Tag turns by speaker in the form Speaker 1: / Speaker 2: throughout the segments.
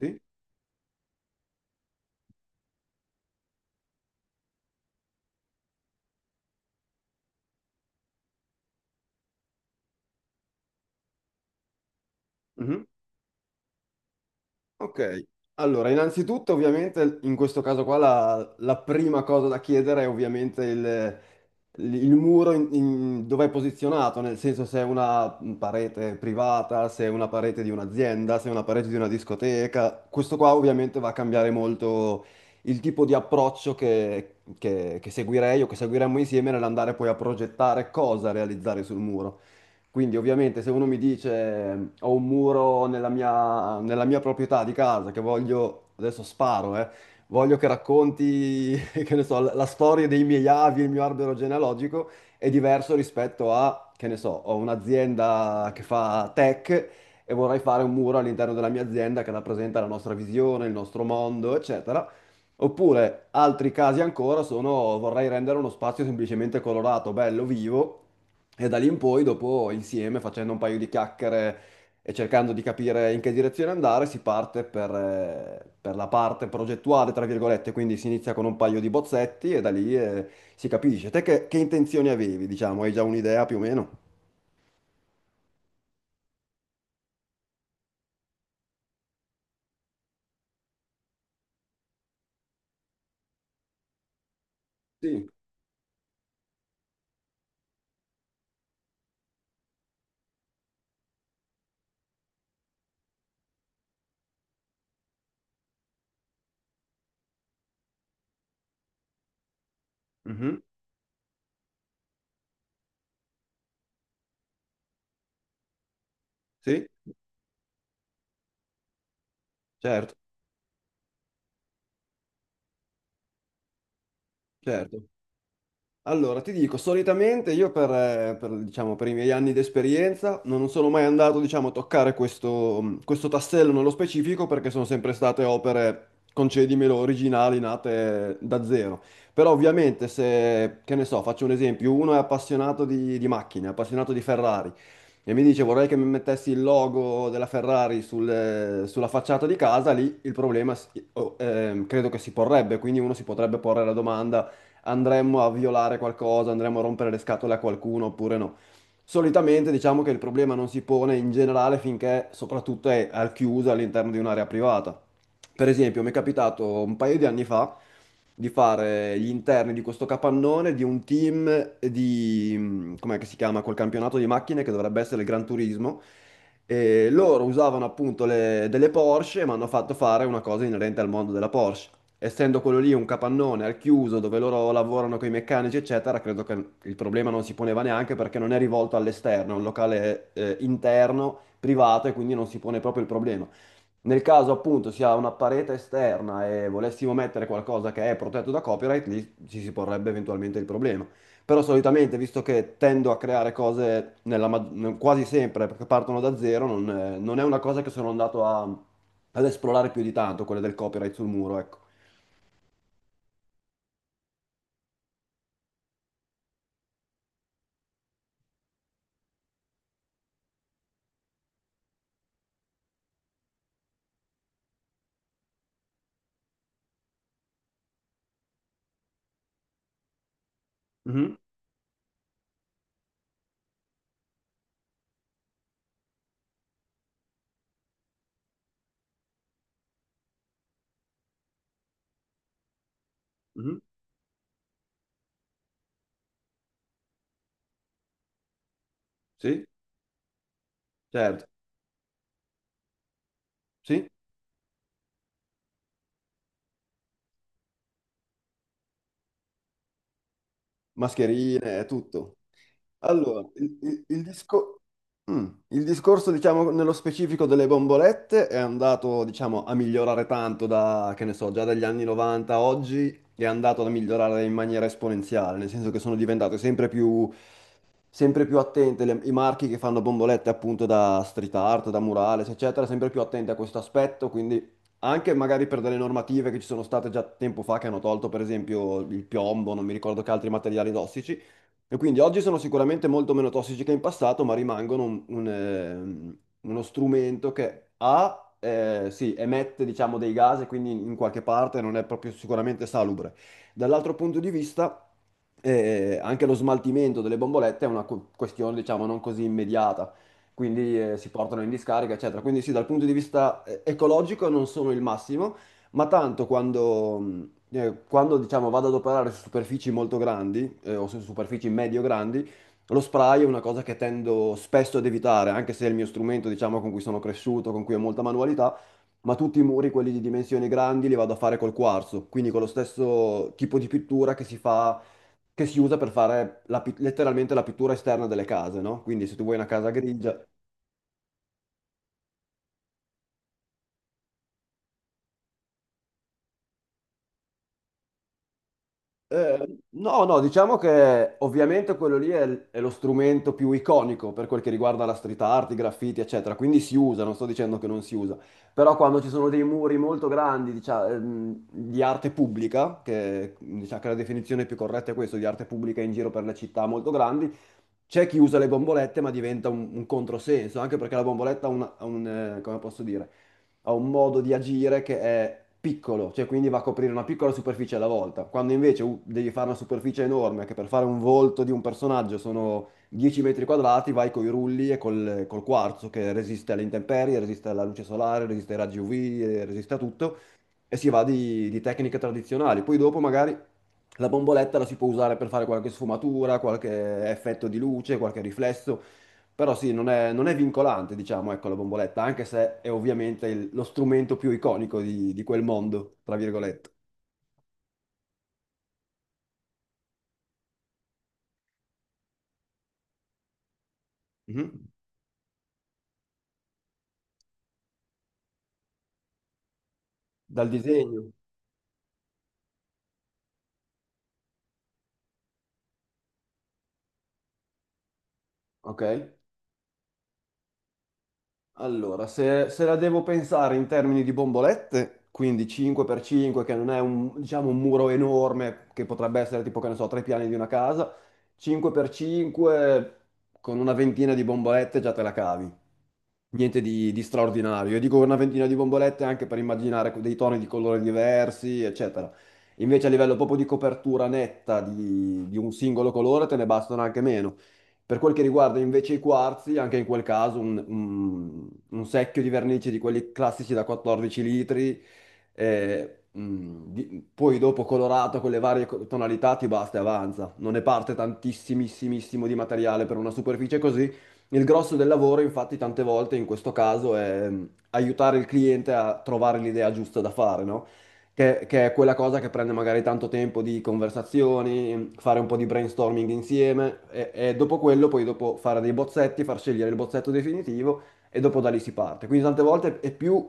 Speaker 1: Sì? Mhm. Ok, allora innanzitutto ovviamente in questo caso qua la prima cosa da chiedere è ovviamente il muro dove è posizionato, nel senso se è una parete privata, se è una parete di un'azienda, se è una parete di una discoteca. Questo qua ovviamente va a cambiare molto il tipo di approccio che seguirei o che seguiremmo insieme nell'andare poi a progettare cosa realizzare sul muro. Quindi ovviamente se uno mi dice ho un muro nella mia proprietà di casa che voglio, adesso sparo, voglio che racconti, che ne so, la storia dei miei avi, il mio albero genealogico, è diverso rispetto a, che ne so, ho un'azienda che fa tech e vorrei fare un muro all'interno della mia azienda che rappresenta la nostra visione, il nostro mondo, eccetera. Oppure altri casi ancora sono vorrei rendere uno spazio semplicemente colorato, bello, vivo e da lì in poi, dopo insieme, facendo un paio di chiacchiere e cercando di capire in che direzione andare, si parte per la parte progettuale, tra virgolette, quindi si inizia con un paio di bozzetti e da lì si capisce. Te che intenzioni avevi, diciamo? Hai già un'idea più o meno? Sì. Mhm. Sì, certo, certo. Allora, ti dico, solitamente io per, diciamo, per i miei anni di esperienza non sono mai andato, diciamo, a toccare questo tassello nello specifico perché sono sempre state opere, concedimelo, originali, nate da zero. Però ovviamente se, che ne so, faccio un esempio, uno è appassionato di macchine, è appassionato di Ferrari e mi dice vorrei che mi mettessi il logo della Ferrari sulla facciata di casa, lì il problema credo che si porrebbe, quindi uno si potrebbe porre la domanda andremmo a violare qualcosa, andremmo a rompere le scatole a qualcuno oppure no. Solitamente diciamo che il problema non si pone in generale finché soprattutto è al chiuso all'interno di un'area privata. Per esempio, mi è capitato un paio di anni fa di fare gli interni di questo capannone di un team di, com'è che si chiama, quel campionato di macchine che dovrebbe essere il Gran Turismo. E loro usavano appunto delle Porsche e mi hanno fatto fare una cosa inerente al mondo della Porsche essendo quello lì un capannone al chiuso dove loro lavorano con i meccanici, eccetera, credo che il problema non si poneva neanche perché non è rivolto all'esterno, è un locale interno, privato e quindi non si pone proprio il problema. Nel caso appunto sia una parete esterna e volessimo mettere qualcosa che è protetto da copyright, lì ci si porrebbe eventualmente il problema. Però solitamente, visto che tendo a creare cose quasi sempre perché partono da zero, non è una cosa che sono andato ad esplorare più di tanto, quelle del copyright sul muro, ecco. Mhm, mhm, sì, certo, sì, mascherine, è tutto. Allora, il discorso, diciamo, nello specifico delle bombolette è andato, diciamo, a migliorare tanto da, che ne so, già dagli anni 90 a oggi è andato a migliorare in maniera esponenziale, nel senso che sono diventate sempre più attente i marchi che fanno bombolette appunto da street art, da murales, eccetera, sempre più attenti a questo aspetto, quindi anche magari per delle normative che ci sono state già tempo fa che hanno tolto, per esempio, il piombo, non mi ricordo che altri materiali tossici. E quindi oggi sono sicuramente molto meno tossici che in passato, ma rimangono uno strumento che A, sì, emette, diciamo, dei gas e quindi in qualche parte non è proprio sicuramente salubre. Dall'altro punto di vista, anche lo smaltimento delle bombolette è una questione, diciamo, non così immediata, quindi si portano in discarica, eccetera. Quindi sì, dal punto di vista ecologico non sono il massimo, ma tanto quando, diciamo, vado ad operare su superfici molto grandi o su superfici medio-grandi, lo spray è una cosa che tendo spesso ad evitare, anche se è il mio strumento, diciamo, con cui sono cresciuto, con cui ho molta manualità, ma tutti i muri, quelli di dimensioni grandi, li vado a fare col quarzo, quindi con lo stesso tipo di pittura che si fa, che si usa per fare letteralmente la pittura esterna delle case, no? Quindi se tu vuoi una casa grigia. No, no, diciamo che ovviamente quello lì è lo strumento più iconico per quel che riguarda la street art, i graffiti, eccetera, quindi si usa, non sto dicendo che non si usa, però quando ci sono dei muri molto grandi, diciamo, di arte pubblica, che diciamo che la definizione più corretta è questa, di arte pubblica in giro per le città molto grandi, c'è chi usa le bombolette, ma diventa un controsenso, anche perché la bomboletta come posso dire, ha un modo di agire che è piccolo, cioè quindi va a coprire una piccola superficie alla volta, quando invece devi fare una superficie enorme, che per fare un volto di un personaggio sono 10 metri quadrati, vai con i rulli e col quarzo che resiste alle intemperie, resiste alla luce solare, resiste ai raggi UV, resiste a tutto, e si va di tecniche tradizionali. Poi dopo magari. La bomboletta la si può usare per fare qualche sfumatura, qualche effetto di luce, qualche riflesso, però sì, non è vincolante, diciamo, ecco, la bomboletta, anche se è ovviamente lo strumento più iconico di quel mondo, tra virgolette. Mhm. Dal disegno, ok? Allora, se la devo pensare in termini di bombolette, quindi 5x5, che non è un, diciamo, un muro enorme, che potrebbe essere tipo, che ne so, tre piani di una casa, 5x5 con una ventina di bombolette già te la cavi. Niente di straordinario. Io dico una ventina di bombolette anche per immaginare dei toni di colore diversi, eccetera. Invece a livello proprio di copertura netta di un singolo colore te ne bastano anche meno. Per quel che riguarda invece i quarzi, anche in quel caso un secchio di vernice di quelli classici da 14 litri, poi dopo colorato con le varie tonalità ti basta e avanza. Non ne parte tantissimissimo di materiale per una superficie così. Il grosso del lavoro, infatti, tante volte in questo caso è aiutare il cliente a trovare l'idea giusta da fare, no? Che è quella cosa che prende magari tanto tempo di conversazioni, fare un po' di brainstorming insieme e dopo quello poi dopo fare dei bozzetti, far scegliere il bozzetto definitivo e dopo da lì si parte. Quindi tante volte è più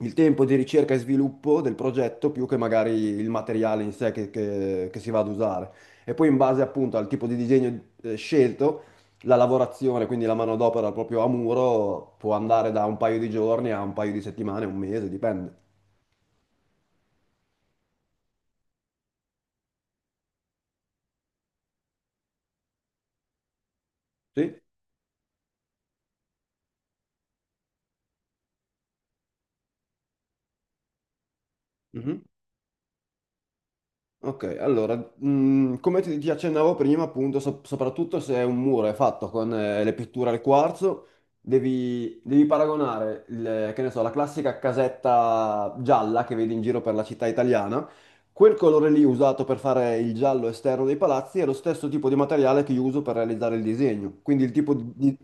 Speaker 1: il tempo di ricerca e sviluppo del progetto più che magari il materiale in sé che si va ad usare. E poi in base appunto al tipo di disegno scelto, la lavorazione, quindi la manodopera proprio a muro, può andare da un paio di giorni a un paio di settimane, un mese, dipende. Sì? Mhm. Ok, allora, come ti accennavo prima, appunto, soprattutto se un muro è fatto con le pitture al quarzo, devi paragonare, che ne so, la classica casetta gialla che vedi in giro per la città italiana, quel colore lì usato per fare il giallo esterno dei palazzi è lo stesso tipo di materiale che io uso per realizzare il disegno, quindi il tipo di.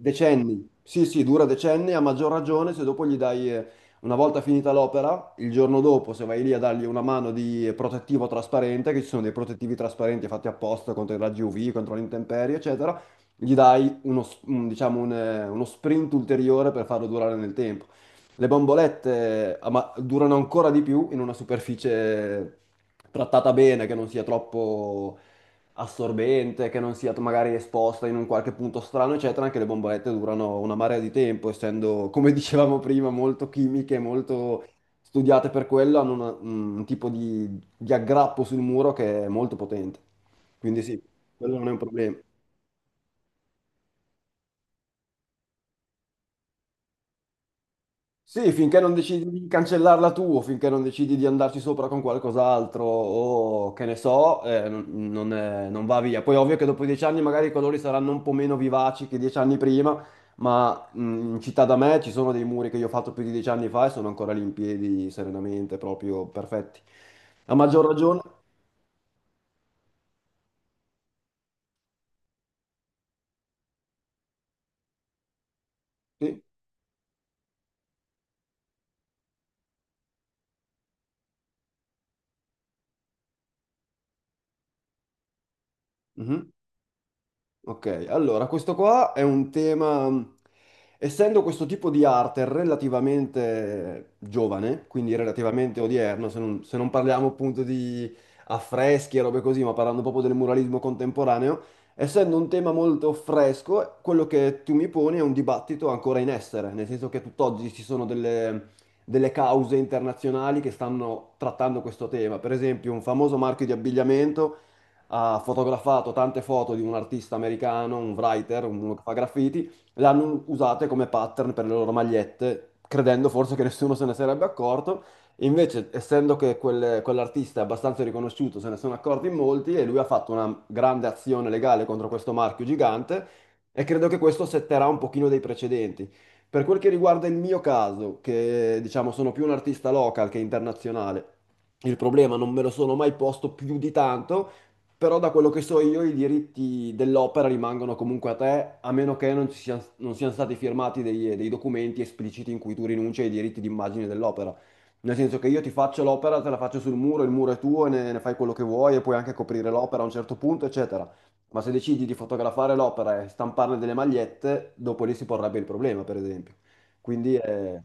Speaker 1: Decenni, sì sì, dura decenni, a maggior ragione se dopo gli dai, una volta finita l'opera, il giorno dopo, se vai lì a dargli una mano di protettivo trasparente, che ci sono dei protettivi trasparenti fatti apposta contro i raggi UV, contro le intemperie, eccetera, gli dai uno, s- un- diciamo un, uno sprint ulteriore per farlo durare nel tempo. Le bombolette, ah, ma durano ancora di più in una superficie trattata bene, che non sia troppo assorbente, che non sia magari esposta in un qualche punto strano, eccetera, anche le bombolette durano una marea di tempo, essendo, come dicevamo prima, molto chimiche, molto studiate per quello, hanno un tipo di aggrappo sul muro che è molto potente. Quindi sì, quello non è un problema. Sì, finché non decidi di cancellarla tu, o finché non decidi di andarci sopra con qualcos'altro, o che ne so, non va via. Poi è ovvio che dopo 10 anni magari i colori saranno un po' meno vivaci che 10 anni prima, ma in città da me ci sono dei muri che io ho fatto più di 10 anni fa e sono ancora lì in piedi serenamente, proprio perfetti. A maggior ragione, sì. Mhm. Ok, allora questo qua è un tema, essendo questo tipo di arte relativamente giovane, quindi relativamente odierno, se non, parliamo appunto di affreschi e robe così, ma parlando proprio del muralismo contemporaneo, essendo un tema molto fresco, quello che tu mi poni è un dibattito ancora in essere, nel senso che tutt'oggi ci sono delle cause internazionali che stanno trattando questo tema. Per esempio, un famoso marchio di abbigliamento ha fotografato tante foto di un artista americano, un writer, uno che fa graffiti, l'hanno usate come pattern per le loro magliette, credendo forse che nessuno se ne sarebbe accorto. Invece, essendo che quell'artista è abbastanza riconosciuto, se ne sono accorti in molti e lui ha fatto una grande azione legale contro questo marchio gigante e credo che questo setterà un pochino dei precedenti. Per quel che riguarda il mio caso, che diciamo sono più un artista local che internazionale, il problema non me lo sono mai posto più di tanto, però da quello che so io i diritti dell'opera rimangono comunque a te, a meno che non siano stati firmati dei documenti espliciti in cui tu rinunci ai diritti d'immagine dell'opera. Nel senso che io ti faccio l'opera, te la faccio sul muro, il muro è tuo e ne fai quello che vuoi e puoi anche coprire l'opera a un certo punto, eccetera. Ma se decidi di fotografare l'opera e stamparne delle magliette, dopo lì si porrebbe il problema, per esempio. Quindi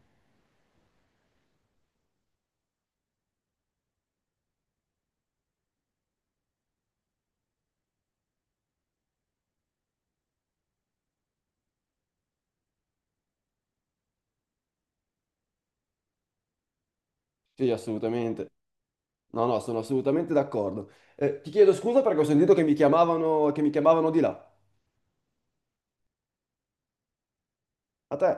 Speaker 1: sì, assolutamente. No, no, sono assolutamente d'accordo. Ti chiedo scusa perché ho sentito che mi chiamavano di là. A te.